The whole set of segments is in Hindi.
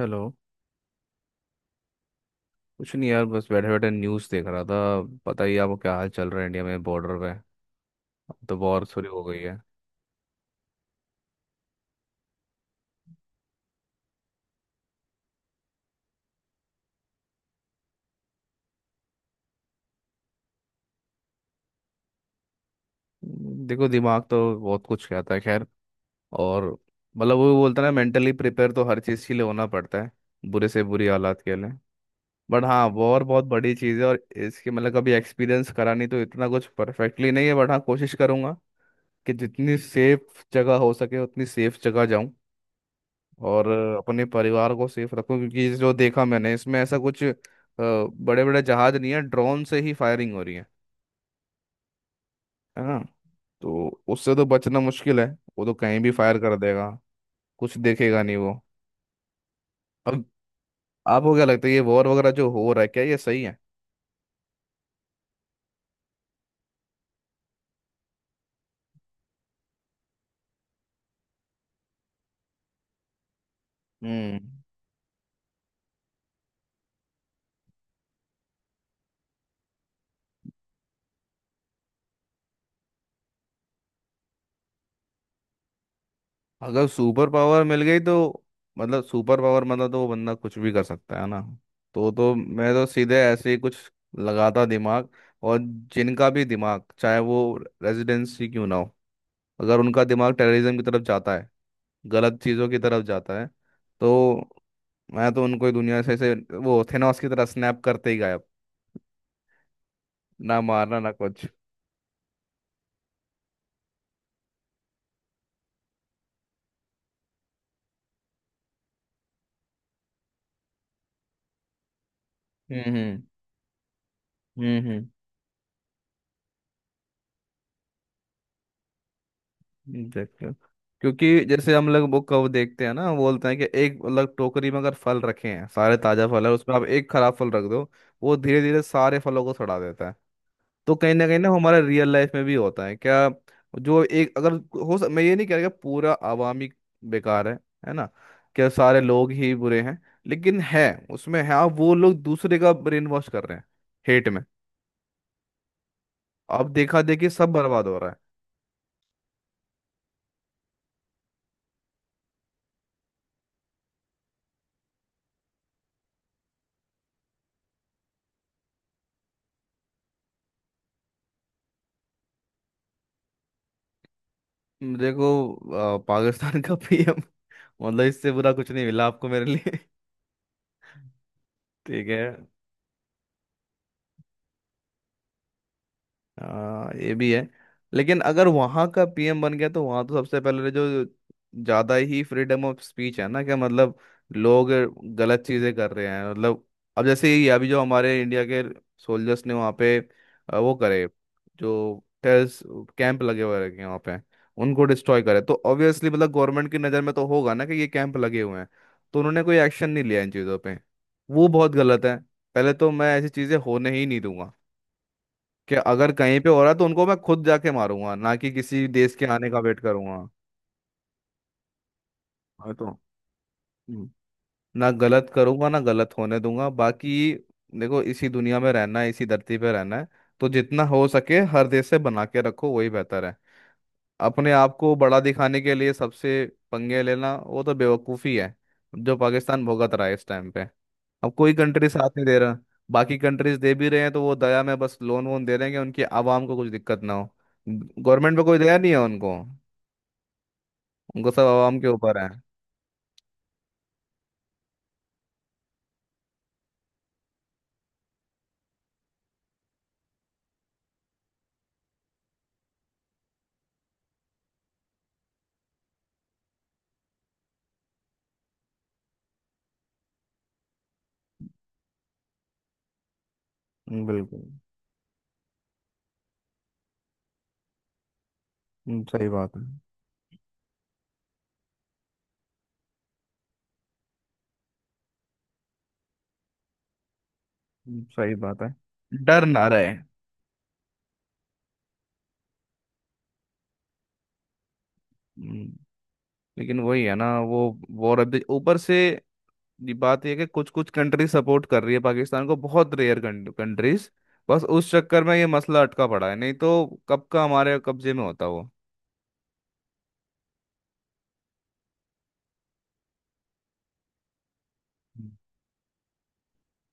हेलो। कुछ नहीं यार, बस बैठे बैठे न्यूज़ देख रहा था। पता ही है आपको क्या हाल चल रहा है इंडिया में बॉर्डर पे। अब तो वॉर शुरू हो गई है। देखो दिमाग तो बहुत कुछ कहता है, खैर। और मतलब वो बोलता है ना, मेंटली प्रिपेयर तो हर चीज़ के लिए होना पड़ता है, बुरे से बुरी हालात के लिए। बट हाँ, वॉर बहुत बड़ी चीज़ है, और इसके मतलब कभी एक्सपीरियंस करा नहीं, तो इतना कुछ परफेक्टली नहीं है। बट हाँ, कोशिश करूंगा कि जितनी सेफ जगह हो सके, उतनी सेफ जगह जाऊं। और अपने परिवार को सेफ रखूं, क्योंकि जो देखा मैंने इसमें ऐसा कुछ बड़े बड़े जहाज नहीं है, ड्रोन से ही फायरिंग हो रही है। है ना। तो उससे तो बचना मुश्किल है। वो तो कहीं भी फायर कर देगा, कुछ देखेगा नहीं वो। अब आपको क्या लगता है, ये वॉर वगैरह जो हो रहा है, क्या ये सही है? हम्म। अगर सुपर पावर मिल गई तो, मतलब सुपर पावर मतलब तो वो बंदा कुछ भी कर सकता है ना। तो मैं तो सीधे ऐसे ही कुछ लगाता दिमाग। और जिनका भी दिमाग चाहे वो रेजिडेंसी क्यों ना हो, अगर उनका दिमाग टेररिज्म की तरफ जाता है, गलत चीज़ों की तरफ जाता है, तो मैं तो उनको ही दुनिया से ऐसे, वो थेनोस की तरह स्नैप करते ही गायब। ना मारना ना कुछ। हम्म। हम्म। हम्म। देखते, क्योंकि जैसे हम लोग बुक कब देखते हैं ना, वो बोलते हैं कि एक अलग टोकरी में अगर फल रखे हैं, सारे ताज़ा फल है, उसमें आप एक खराब फल रख दो, वो धीरे धीरे सारे फलों को सड़ा देता है। तो कहीं ना कहीं ना, हमारा रियल लाइफ में भी होता है क्या? जो एक अगर, हो सक, मैं ये नहीं कह रहा कि पूरा आवामी बेकार है ना, क्या सारे लोग ही बुरे हैं? लेकिन है, उसमें है, आप वो लोग दूसरे का ब्रेन वॉश कर रहे हैं हेट में। अब देखा देखी सब बर्बाद हो रहा है। देखो, पाकिस्तान का पीएम, मतलब इससे बुरा कुछ नहीं मिला आपको मेरे लिए? ठीक है। हाँ, ये भी है, लेकिन अगर वहां का पीएम बन गया तो वहां तो सबसे पहले तो जो ज्यादा ही फ्रीडम ऑफ स्पीच है ना, कि मतलब लोग गलत चीजें कर रहे हैं मतलब। अब जैसे ये अभी जो हमारे इंडिया के सोल्जर्स ने वहां पे वो करे, जो टेररिस्ट कैंप लगे हुए रखे हैं वहां पे, उनको डिस्ट्रॉय करे, तो ऑब्वियसली मतलब गवर्नमेंट की नजर में तो होगा ना कि ये कैंप लगे हुए हैं। तो उन्होंने कोई एक्शन नहीं लिया इन चीजों पे, वो बहुत गलत है। पहले तो मैं ऐसी चीजें होने ही नहीं, कि अगर कहीं पे हो रहा है तो उनको मैं खुद जाके मारूंगा, ना कि किसी देश के आने का वेट करूंगा। मैं तो हम्म, ना गलत करूंगा ना गलत होने दूंगा बाकी। देखो, इसी दुनिया में रहना है, इसी धरती पे रहना है, तो जितना हो सके हर देश से बना के रखो, वही बेहतर है। अपने आप को बड़ा दिखाने के लिए सबसे पंगे लेना, वो तो बेवकूफ़ी है, जो पाकिस्तान भुगत रहा है इस टाइम पे। अब कोई कंट्री साथ नहीं दे रहा। बाकी कंट्रीज दे भी रहे हैं तो वो दया में बस लोन वोन दे रहे हैं कि उनकी आवाम को कुछ दिक्कत ना हो। गवर्नमेंट पे कोई दया नहीं है उनको, उनको सब आवाम के ऊपर है। बिल्कुल। सही बात है। सही बात है। डर ना रहे। हम्म, लेकिन वही है ना वो रद्द ऊपर से, ये बात यह है कि कुछ कुछ कंट्री सपोर्ट कर रही है पाकिस्तान को, बहुत रेयर कंट्रीज। बस उस चक्कर में ये मसला अटका पड़ा है, नहीं तो कब का हमारे कब्जे में होता वो।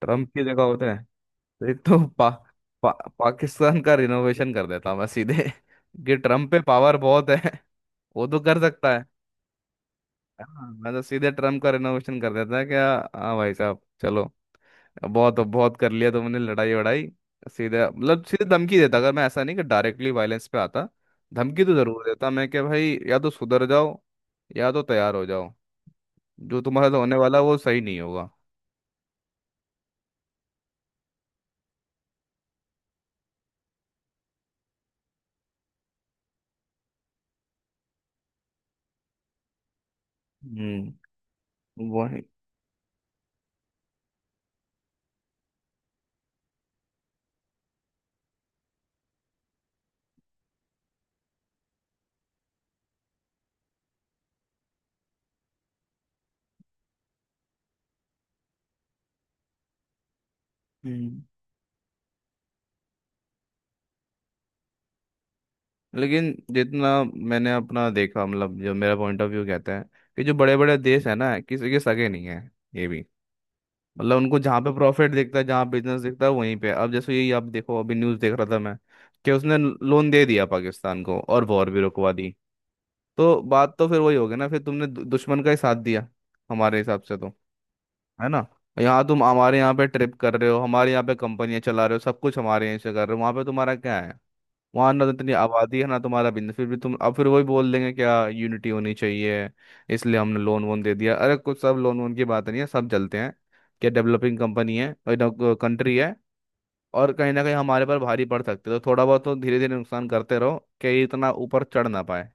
ट्रम्प की जगह होता है तो, एक तो पा, पा, पाकिस्तान का रिनोवेशन कर देता मैं सीधे। कि ट्रम्प पे पावर बहुत है, वो तो कर सकता है। हाँ, मैं तो सीधे ट्रम्प का रिनोवेशन कर देता है क्या। हाँ भाई साहब, चलो अब बहुत, अब बहुत कर लिया तुमने लड़ाई वड़ाई। सीधे मतलब सीधे धमकी देता, अगर मैं ऐसा नहीं कि डायरेक्टली वायलेंस पे आता। धमकी तो जरूर देता मैं कि भाई या तो सुधर जाओ, या तो तैयार हो जाओ, जो तुम्हारे साथ होने वाला है, वो सही नहीं होगा। हम्म। वही। हम्म। लेकिन जितना मैंने अपना देखा, मतलब जो मेरा पॉइंट ऑफ व्यू कहता है, कि जो बड़े बड़े देश है ना, किसी के सगे नहीं है ये भी। मतलब उनको जहाँ पे प्रॉफिट दिखता है, जहाँ बिजनेस दिखता है, वहीं पे। अब जैसे यही आप देखो, अभी न्यूज़ देख रहा था मैं कि उसने लोन दे दिया पाकिस्तान को और वॉर भी रुकवा दी। तो बात तो फिर वही हो गई ना, फिर तुमने दुश्मन का ही साथ दिया, हमारे हिसाब से तो। है ना, यहाँ तुम हमारे यहाँ पे ट्रिप कर रहे हो, हमारे यहाँ पे कंपनियां चला रहे हो, सब कुछ हमारे यहाँ से कर रहे हो, वहाँ पे तुम्हारा क्या है? वहां ना तो इतनी आबादी है ना तुम्हारा बिजनेस, फिर भी तुम अब फिर वही बोल देंगे क्या यूनिटी होनी चाहिए, इसलिए हमने लोन वोन दे दिया। अरे कुछ सब लोन वोन की बात नहीं है, सब चलते हैं, क्या डेवलपिंग कंपनी है और कंट्री है और कहीं ना कहीं हमारे पर भारी पड़ सकते हैं, तो थोड़ा बहुत तो धीरे धीरे नुकसान करते रहो कि ये इतना ऊपर चढ़ ना पाए।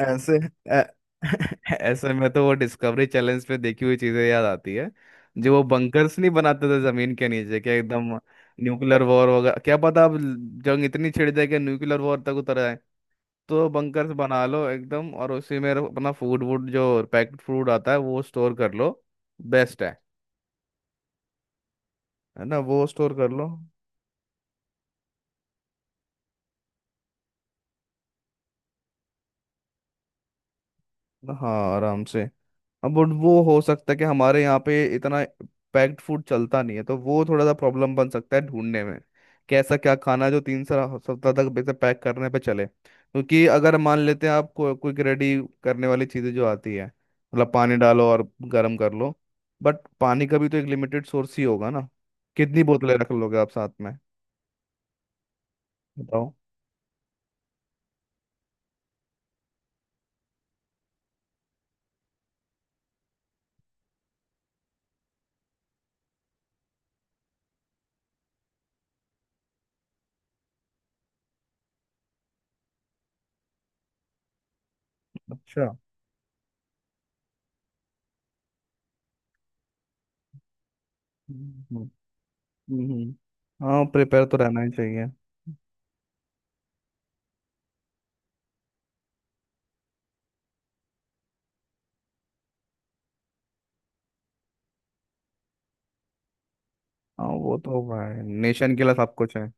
ऐसे ऐ- ऐसे में तो वो डिस्कवरी चैलेंज पे देखी हुई चीजें याद आती है, जो वो बंकर्स नहीं बनाते थे जमीन के नीचे, क्या एकदम न्यूक्लियर वॉर वगैरह, क्या पता अब जंग इतनी छिड़ जाए कि न्यूक्लियर वॉर तक उतर आए। तो बंकर्स बना लो एकदम, और उसी में अपना फूड वूड जो पैक्ड फूड आता है वो स्टोर कर लो, बेस्ट है। है ना, वो स्टोर कर लो। हाँ आराम से। अब वो हो सकता है कि हमारे यहाँ पे इतना पैक्ड फूड चलता नहीं है, तो वो थोड़ा सा प्रॉब्लम बन सकता है ढूंढने में, कि ऐसा क्या खाना है जो 3 सप्ताह तक वैसे पैक करने पे चले, क्योंकि अगर मान लेते हैं आप को, कोई रेडी करने वाली चीज़ें जो आती है, मतलब पानी डालो और गर्म कर लो, बट पानी का भी तो एक लिमिटेड सोर्स ही होगा ना, कितनी बोतलें रख लोगे आप साथ में? बताओ। अच्छा। हम्म। हम्म। हम्म, हम्म। हाँ प्रिपेयर तो रहना ही चाहिए। हाँ वो तो भाई नेशन के लिए सब कुछ है।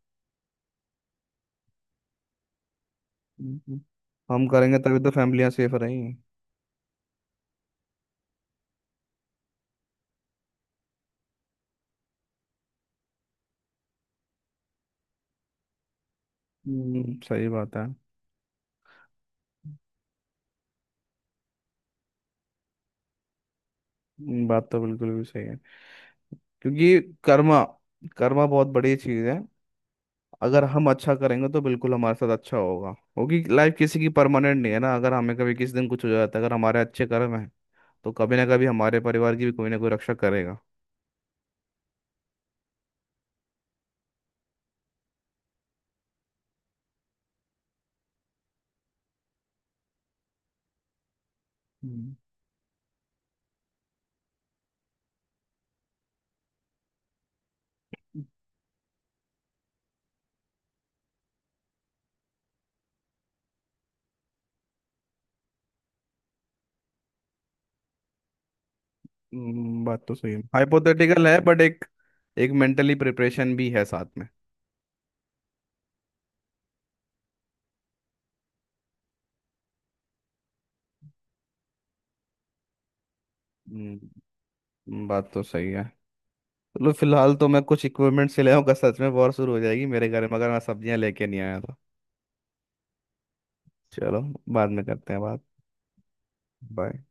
हम्म। हम करेंगे तभी तो फैमिलियाँ सेफ रहेंगी। सही बात है। बात तो बिल्कुल भी सही है, क्योंकि कर्मा कर्मा बहुत बड़ी चीज़ है। अगर हम अच्छा करेंगे तो बिल्कुल हमारे साथ अच्छा होगा, क्योंकि लाइफ किसी की परमानेंट नहीं है ना, अगर हमें कभी किसी दिन कुछ हो जाता है, अगर हमारे अच्छे कर्म हैं तो कभी ना कभी हमारे परिवार की भी कोई ना कोई रक्षा करेगा। हम्म। बात तो सही है, हाइपोथेटिकल है, बट एक, एक मेंटली प्रिपरेशन भी है साथ में। बात तो सही है। चलो फिलहाल तो मैं कुछ इक्विपमेंट से ले आऊँगा, सच में वॉर शुरू हो जाएगी मेरे घर में अगर मैं सब्जियां लेके नहीं आया तो। चलो बाद में करते हैं बात। बाय।